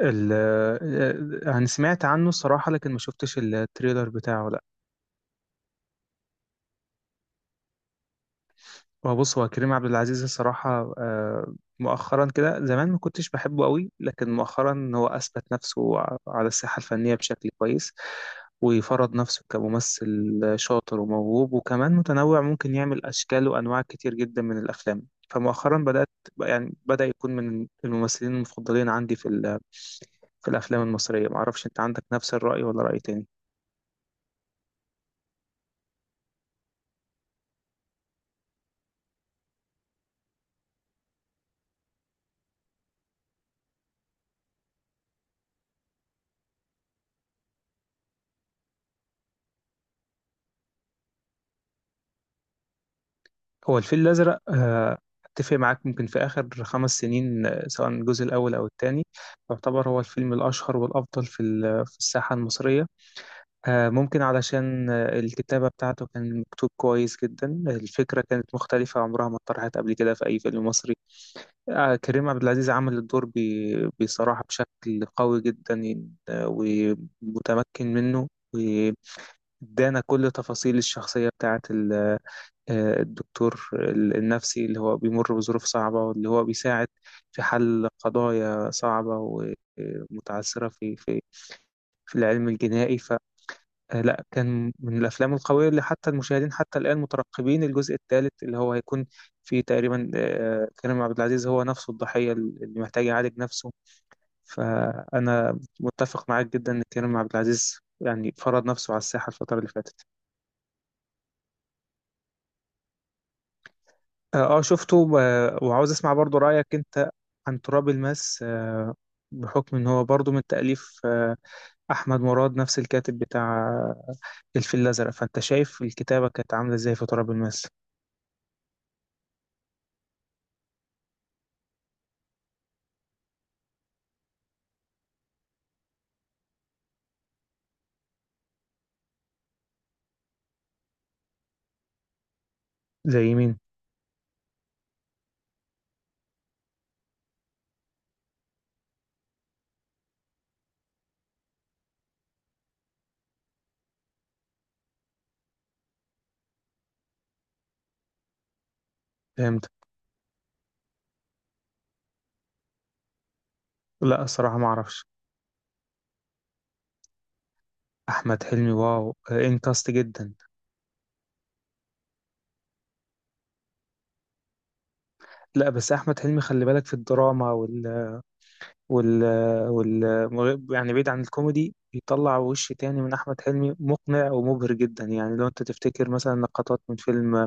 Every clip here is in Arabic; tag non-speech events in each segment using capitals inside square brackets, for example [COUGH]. ال آه، يعني سمعت عنه الصراحة، لكن ما شفتش التريلر بتاعه، لا. هو كريم عبد العزيز الصراحة، مؤخرا كده، زمان ما كنتش بحبه قوي، لكن مؤخرا هو أثبت نفسه على الساحة الفنية بشكل كويس، وفرض نفسه كممثل شاطر وموهوب، وكمان متنوع، ممكن يعمل أشكال وأنواع كتير جدا من الأفلام. فمؤخرا بدأت، يعني بدأ يكون من الممثلين المفضلين عندي في الأفلام المصرية. معرفش، أنت عندك نفس الرأي ولا رأي تاني؟ هو الفيل الأزرق، أتفق معاك. ممكن في آخر خمس سنين، سواء الجزء الأول أو الثاني، يعتبر هو الفيلم الأشهر والأفضل في الساحة المصرية. ممكن علشان الكتابة بتاعته كان مكتوب كويس جدا، الفكرة كانت مختلفة، عمرها ما اتطرحت قبل كده في أي فيلم مصري. كريم عبد العزيز عمل الدور بصراحة بشكل قوي جدا، ومتمكن منه، وادانا كل تفاصيل الشخصية بتاعت الدكتور النفسي، اللي هو بيمر بظروف صعبة، واللي هو بيساعد في حل قضايا صعبة ومتعثرة في العلم الجنائي. فلا، كان من الأفلام القوية اللي حتى المشاهدين حتى الآن مترقبين الجزء الثالث، اللي هو هيكون فيه تقريبا كريم عبد العزيز هو نفسه الضحية اللي محتاج يعالج نفسه. فأنا متفق معاك جدا إن كريم عبد العزيز يعني فرض نفسه على الساحة الفترة اللي فاتت. اه، شفته، وعاوز اسمع برضو رأيك انت عن تراب الماس. بحكم ان هو برضو من تأليف احمد مراد، نفس الكاتب بتاع الفيل الازرق، فانت شايف الكتابة كانت عاملة ازاي في تراب الماس؟ زي مين؟ فهمت. لا، الصراحة ما اعرفش. احمد حلمي؟ واو، انت قصت جدا. لا، بس احمد حلمي خلي بالك، في الدراما وال وال وال يعني بعيد عن الكوميدي، بيطلع وش تاني من احمد حلمي مقنع ومبهر جدا، يعني لو انت تفتكر مثلا لقطات من فيلم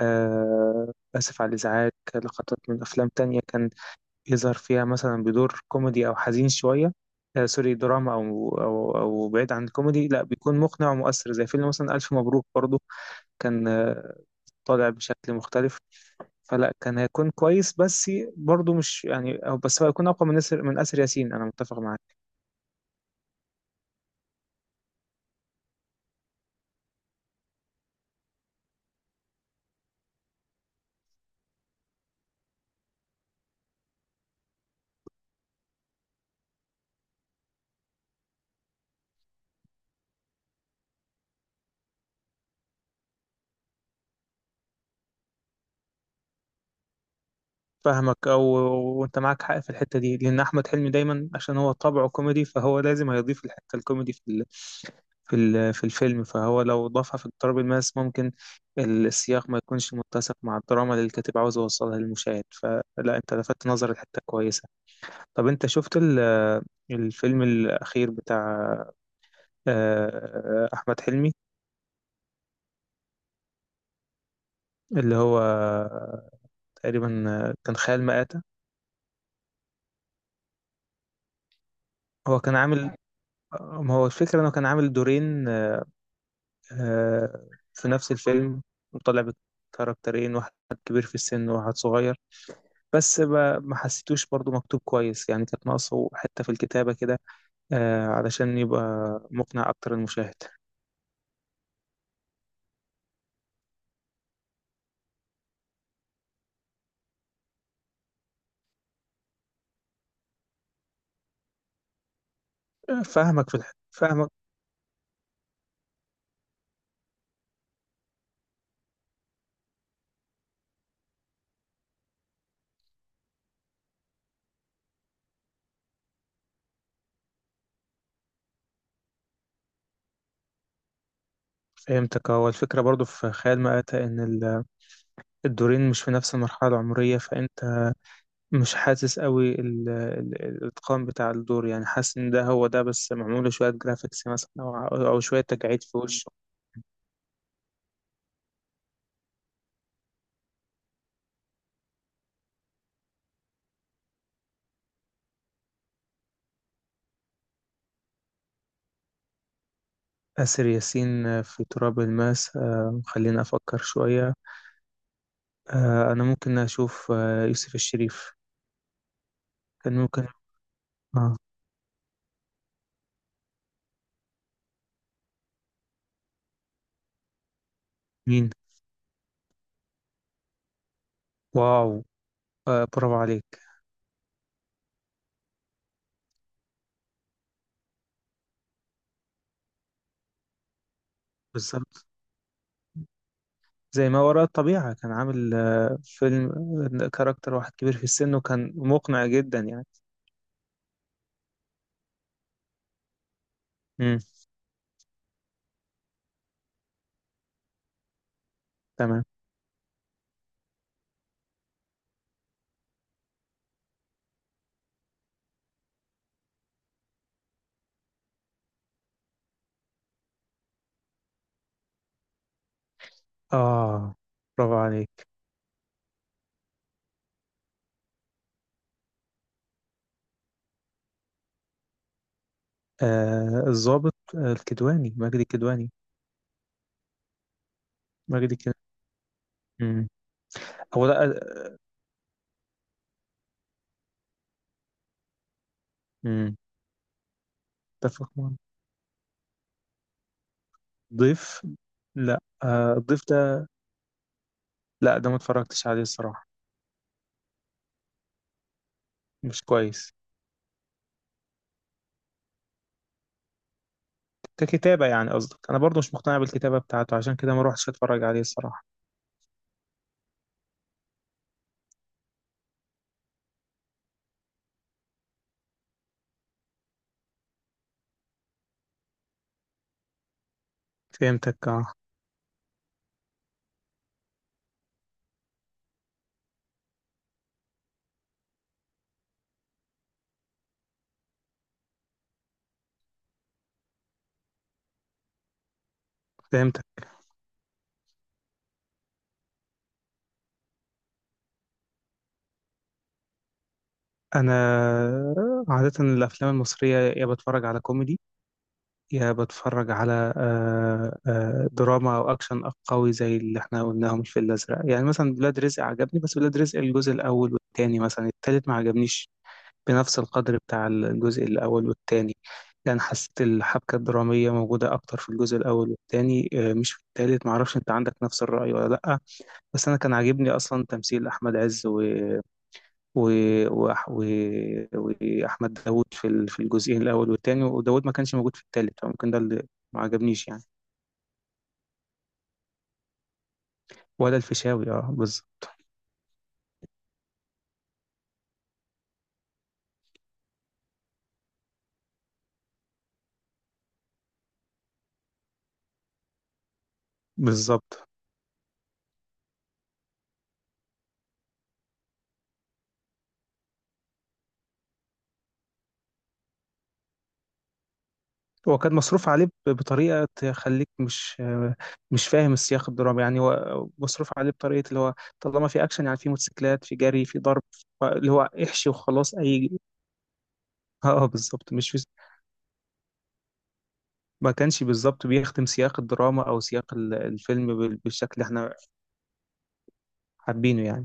آه، آسف على الإزعاج، لقطات من أفلام تانية كان يظهر فيها مثلا بدور كوميدي أو حزين شوية، سوري، دراما، أو بعيد عن الكوميدي، لا بيكون مقنع ومؤثر زي فيلم مثلا ألف مبروك، برضو كان طالع بشكل مختلف. فلا، كان هيكون كويس، بس برضو مش يعني، أو بس هو هيكون أقوى من أسر من آسر ياسين، أنا متفق معاك. فاهمك. او، وانت معاك حق في الحته دي، لان احمد حلمي دايما، عشان هو طبعه كوميدي، فهو لازم هيضيف الحته الكوميدي في الفيلم، فهو لو ضافها في اضطراب الماس ممكن السياق ما يكونش متسق مع الدراما اللي الكاتب عاوز يوصلها للمشاهد. فلا، انت لفتت نظر، الحته كويسه. طب انت شفت الفيلم الاخير بتاع احمد حلمي؟ اللي هو تقريبا كان خيال مآتة. هو كان عامل، ما هو الفكرة انه كان عامل دورين آه، في نفس الفيلم، وطلع بكاركترين، واحد كبير في السن وواحد صغير، بس ما حسيتوش برضو مكتوب كويس، يعني كانت ناقصه حتة في الكتابة كده، علشان يبقى مقنع أكتر المشاهد. فاهمك، فاهمك. فهمتك. هو الفكرة برضو في خيال مآتة إن الدورين مش في نفس المرحلة العمرية، فأنت مش حاسس قوي الإتقان بتاع الدور، يعني حاسس إن ده هو ده بس معمول له شوية جرافيكس مثلا، أو شوية تجاعيد في وشه. آسر ياسين في تراب الماس، خليني أفكر شوية. أنا ممكن أشوف، يوسف الشريف كان ممكن. آه مين؟ واو، برافو عليك. بالظبط، زي ما وراء الطبيعة كان عامل فيلم، كاركتر واحد كبير في السن وكان مقنع جدا يعني. مم. تمام، آه برافو عليك. الضابط، الكدواني، مجدي الكدواني. مجدي الكدواني. مم. هو لا، مم. اتفق معاك. ضيف؟ لا، الضيف ده، لا ده ما اتفرجتش عليه الصراحة. مش كويس. ككتابة يعني قصدك؟ أنا برضو مش مقتنع بالكتابة بتاعته، عشان كده ما روحتش أتفرج عليه الصراحة. فهمتك، اه، فهمتك. أنا عادة الأفلام المصرية، يا بتفرج على كوميدي، يا بتفرج على دراما أو أكشن قوي زي اللي احنا قلناهم في الأزرق. يعني مثلا ولاد رزق عجبني، بس ولاد رزق الجزء الأول والتاني، مثلا التالت ما عجبنيش بنفس القدر بتاع الجزء الأول والتاني، يعني حسيت الحبكة الدرامية موجودة أكتر في الجزء الأول والتاني، مش في التالت. معرفش، أنت عندك نفس الرأي ولا لأ؟ بس أنا كان عاجبني أصلا تمثيل أحمد عز و... و... و... وأحمد داوود في الجزئين الأول والتاني، وداوود ما كانش موجود في التالت، فممكن ده اللي ما عجبنيش يعني. ولا الفيشاوي، اه، بالظبط. هو كان مصروف عليه بطريقة تخليك مش فاهم السياق الدرامي، يعني هو مصروف عليه بطريقة اللي هو طالما في أكشن، يعني في موتوسيكلات، في جري، في ضرب، اللي هو احشي وخلاص، أي. [LAUGHS] اه، بالظبط. مش في... ما كانش بالظبط بيخدم سياق الدراما أو سياق الفيلم بالشكل اللي احنا حابينه يعني.